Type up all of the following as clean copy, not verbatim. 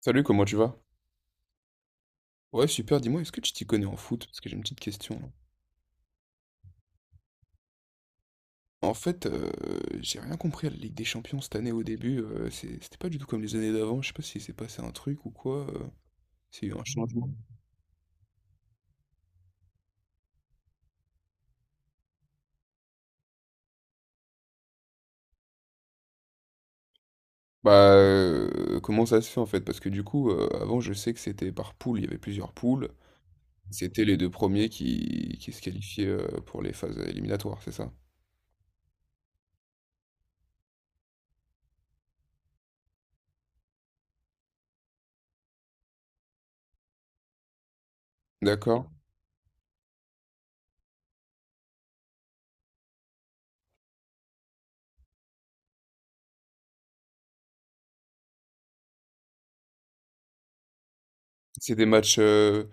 Salut, comment tu vas? Ouais, super, dis-moi, est-ce que tu t'y connais en foot? Parce que j'ai une petite question là. En fait, j'ai rien compris à la Ligue des Champions cette année au début. C'était pas du tout comme les années d'avant. Je sais pas s'il s'est passé un truc ou quoi. S'il y a eu un changement. Bah, comment ça se fait en fait? Parce que du coup, avant, je sais que c'était par poule. Il y avait plusieurs poules. C'était les deux premiers qui se qualifiaient pour les phases éliminatoires, c'est ça? D'accord. C'est des matchs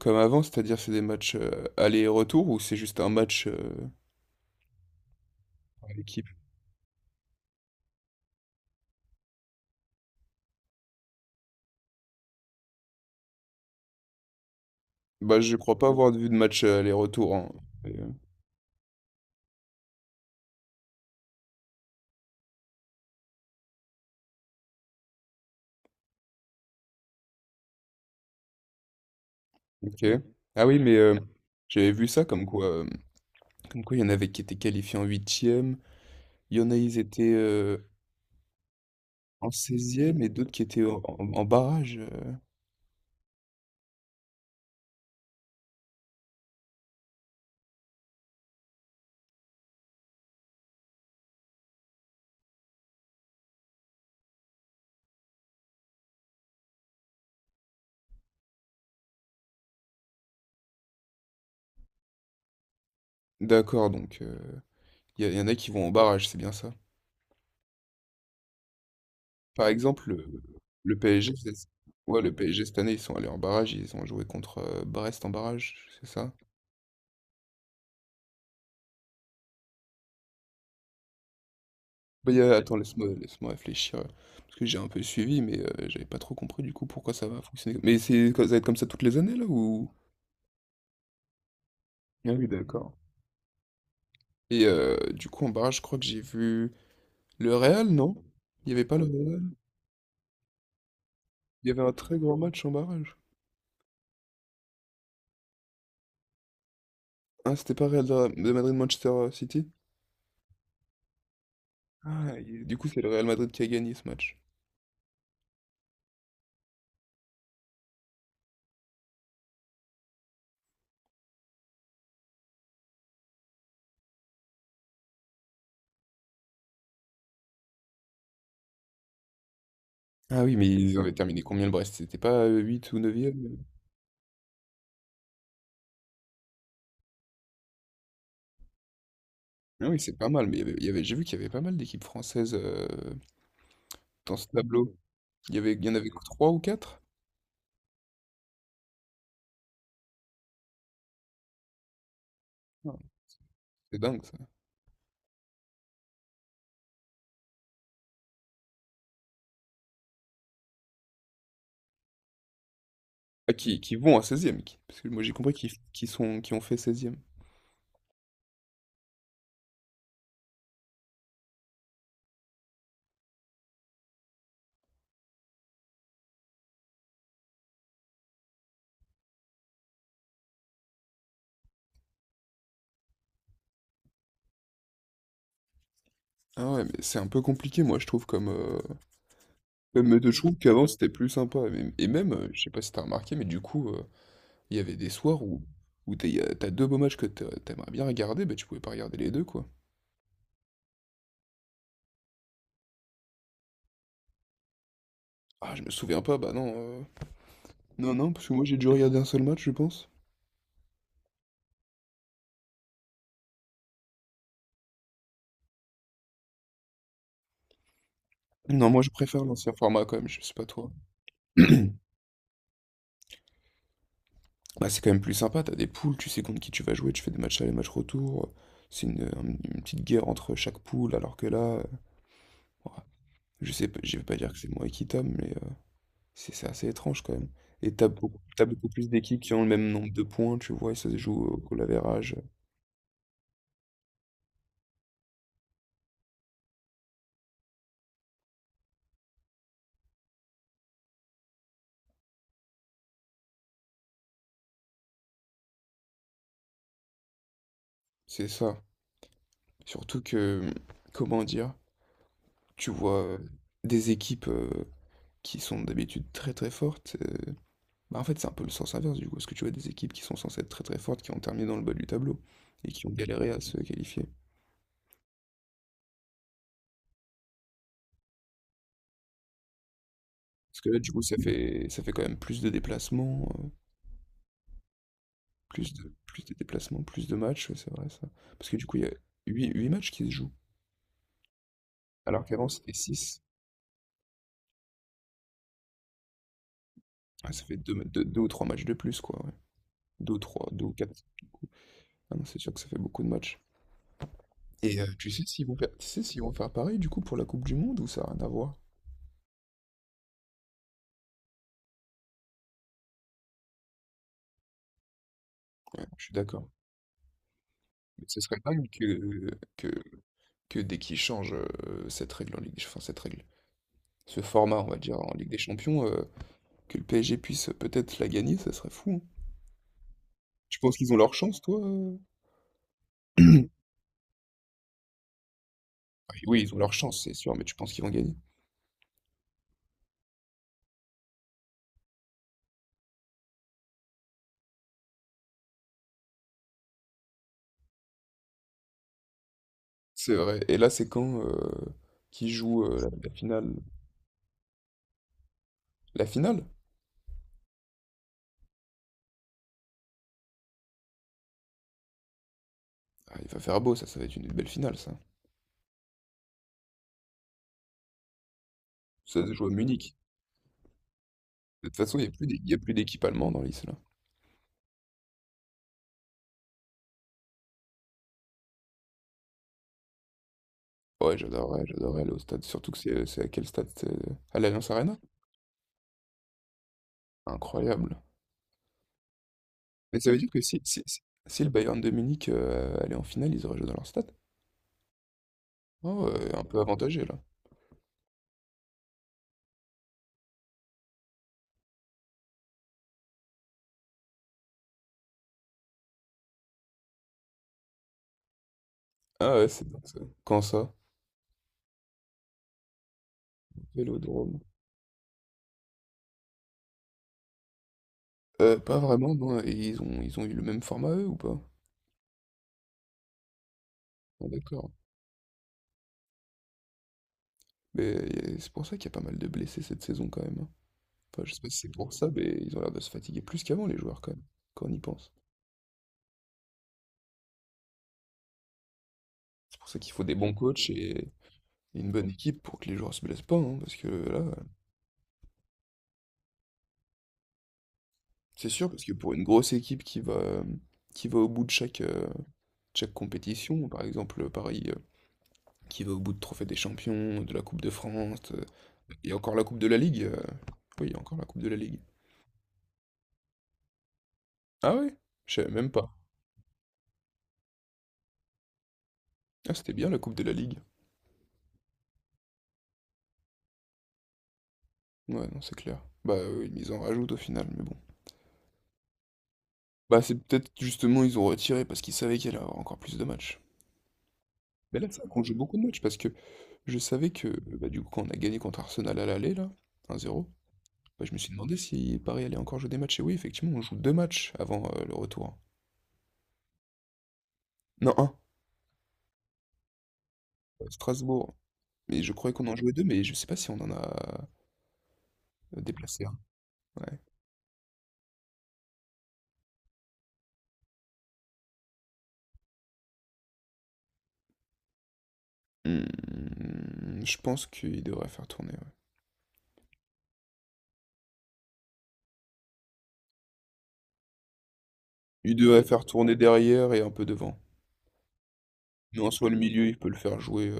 comme avant, c'est-à-dire c'est des matchs aller et retour, ou c'est juste un match par équipe. Bah, je crois pas avoir vu de match aller-retour, hein. Et, ok. Ah oui, mais j'avais vu ça comme quoi il y en avait qui étaient qualifiés en huitième, il y en a ils étaient en 16 et d'autres qui étaient en barrage. D'accord, donc il y en a qui vont en barrage, c'est bien ça. Par exemple, le ouais, le PSG cette année ils sont allés en barrage, ils ont joué contre Brest en barrage, c'est ça? Bah, il attends, laisse-moi réfléchir, parce que j'ai un peu suivi, mais j'avais pas trop compris du coup pourquoi ça va fonctionner. Mais c'est ça va être comme ça toutes les années là ou? Ah oui, d'accord. Et du coup en barrage, je crois que j'ai vu le Real, non? Il y avait pas le Real? Il y avait un très grand match en barrage. Ah c'était pas Real de Madrid-Manchester City? Ah et du coup c'est le Real Madrid qui a gagné ce match. Ah oui, mais ils avaient terminé combien le Brest? C'était pas, 8 ou 9e? Ah oui c'est pas mal, mais il y avait j'ai vu qu'il y avait pas mal d'équipes françaises, dans ce tableau. Il y en avait que 3 ou quatre. Non. C'est dingue ça. Ah qui vont à seizième parce que moi j'ai compris qu'ils sont qui ont fait seizième. Ah ouais, mais c'est un peu compliqué moi je trouve comme comme je trouve qu'avant c'était plus sympa mais- et même je sais pas si t'as remarqué mais du coup il y avait des soirs où t'as deux beaux matchs que t'aimerais bien regarder bah tu pouvais pas regarder les deux quoi. Ah je me souviens pas bah non non non parce que moi j'ai dû regarder un seul match je pense. Non moi je préfère l'ancien format quand même, je sais pas toi. Bah, c'est quand même plus sympa, t'as des poules, tu sais contre qui tu vas jouer, tu fais des matchs aller, matchs retour. C'est une petite guerre entre chaque poule, alors que là, ouah, je sais pas, je vais pas dire que c'est moins équitable, mais c'est assez étrange quand même. Et t'as beaucoup plus d'équipes qui ont le même nombre de points, tu vois, et ça se joue au goal average. C'est ça. Surtout que, comment dire, tu vois des équipes qui sont d'habitude très très fortes. Bah, en fait, c'est un peu le sens inverse du coup, parce que tu vois des équipes qui sont censées être très très fortes, qui ont terminé dans le bas du tableau et qui ont galéré à se qualifier. Parce que là, du coup, ça fait quand même plus de déplacements, plus de déplacements, plus de matchs, ouais, c'est vrai ça. Parce que du coup, il y a huit matchs qui se jouent, alors qu'avant c'était six. Ah ça fait 2 ou 3 matchs de plus, quoi. Ouais. 2 ou trois 2 ou quatre. Ah non, c'est sûr que ça fait beaucoup de matchs. Et tu sais s'ils vont faire pareil du coup pour la Coupe du Monde ou ça n'a rien à voir? Ouais, je suis d'accord. Mais ce serait dingue que, que dès qu'ils changent cette règle en Ligue des Ch- enfin cette règle, ce format, on va dire, en Ligue des Champions, que le PSG puisse peut-être la gagner, ça serait fou, hein. Tu penses qu'ils ont leur chance, toi? Ah oui, ils ont leur chance, c'est sûr, mais tu penses qu'ils vont gagner? C'est vrai. Et là, c'est quand qui joue la finale? La finale? Ah, il va faire beau, ça va être une belle finale, ça. Ça se joue à Munich. De toute façon, il y a plus d'équipe allemande dans l'Is, là. Ouais, j'adorerais aller au stade. Surtout que c'est à quel stade? C'est à l'Allianz Arena? Incroyable. Mais ça veut dire que si le Bayern de Munich allait en finale, ils auraient joué dans leur stade? Oh, ouais, un peu avantagé là. Ah ouais, c'est dingue ça. Quand ça? Vélodrome. Pas vraiment, non. Et ils ont, ils ont eu le même format eux ou pas? Ah, d'accord. Mais c'est pour ça qu'il y a pas mal de blessés cette saison quand même, hein. Enfin, je sais pas si c'est pour ça, mais ils ont l'air de se fatiguer plus qu'avant les joueurs quand même, quand on y pense. C'est pour ça qu'il faut des bons coachs et une bonne équipe pour que les joueurs se blessent pas, hein, parce que là, c'est sûr, parce que pour une grosse équipe qui va au bout de chaque, chaque compétition, par exemple Paris qui va au bout de Trophée des Champions, de la Coupe de France, et encore la Coupe de la Ligue. Oui, il y a encore la Coupe de la Ligue. Ah ouais? Je savais même pas. Ah, c'était bien la Coupe de la Ligue. Ouais, non, c'est clair. Bah oui, mais ils en rajoutent au final, mais bon. Bah c'est peut-être justement ils ont retiré parce qu'ils savaient qu'il y allait y avoir encore plus de matchs. Mais là, ça qu'on joue beaucoup de matchs parce que je savais que bah, du coup quand on a gagné contre Arsenal à l'aller là, un zéro, bah, je me suis demandé si Paris allait encore jouer des matchs. Et oui, effectivement, on joue deux matchs avant le retour. Non, un. Strasbourg. Mais je croyais qu'on en jouait 2, mais je sais pas si on en a déplacé un. Ouais. Hmm, je pense qu'il devrait faire tourner, ouais. Il devrait faire tourner derrière et un peu devant. Mais en soi, le milieu, il peut le faire jouer.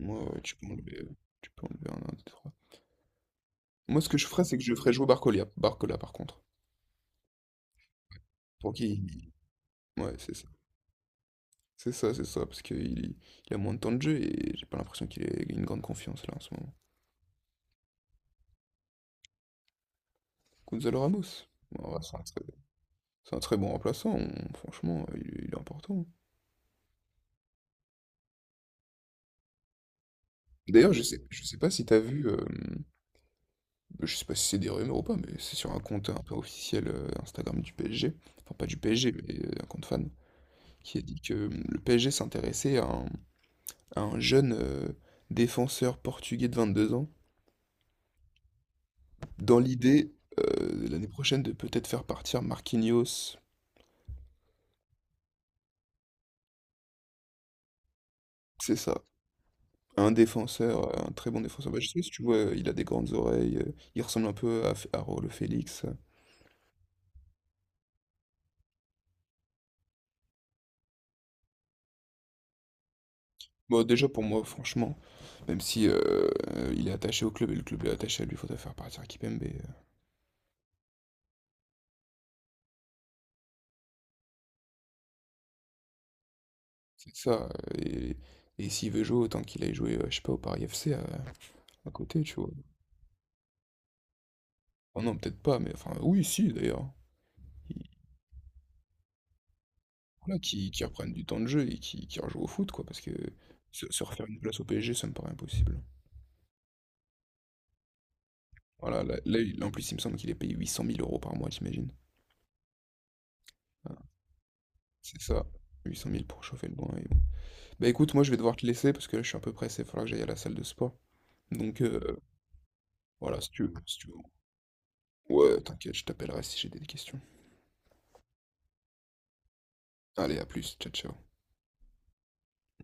Moi, ouais, tu peux enlever un des trois. Moi, ce que je ferais, c'est que je ferais jouer Barcola, par contre. Pour qu'il... Ouais, c'est ça. C'est ça, c'est ça, parce qu'il il a moins de temps de jeu et j'ai pas l'impression qu'il ait une grande confiance, là, en ce moment. Gonzalo Ramos. Bon, ouais, c'est un très bon remplaçant, on- franchement, il est important. D'ailleurs, je sais pas si t'as vu, je sais pas si c'est des rumeurs ou pas, mais c'est sur un compte hein, un peu officiel Instagram du PSG, enfin pas du PSG, mais un compte fan, qui a dit que le PSG s'intéressait à un jeune défenseur portugais de 22 ans, dans l'idée l'année prochaine de peut-être faire partir Marquinhos, c'est ça, un défenseur, un très bon défenseur. Bah, je sais pas si tu vois, il a des grandes oreilles, il ressemble un peu à, F- à Raoul Félix. Bon, déjà pour moi, franchement, même si il est attaché au club et le club est attaché à lui, faut faudrait faire partir à Kipembe. C'est ça. Et s'il veut jouer, autant qu'il aille jouer, je sais pas, au Paris FC à côté, tu vois. Oh non, peut-être pas, mais enfin, oui, si d'ailleurs. Il- voilà, qui reprennent du temps de jeu et qui rejouent au foot, quoi, parce que se refaire une place au PSG, ça me paraît impossible. Voilà, en plus, il me semble qu'il est payé 800 000 euros par mois, t'imagines? Voilà, c'est ça. 800 000 pour chauffer le banc et bon. Bah écoute, moi je vais devoir te laisser parce que là je suis un peu pressé, il va falloir que j'aille à la salle de sport. Donc voilà, si tu veux, si tu veux. Ouais, t'inquiète, je t'appellerai si j'ai des questions. Allez, à plus, ciao ciao.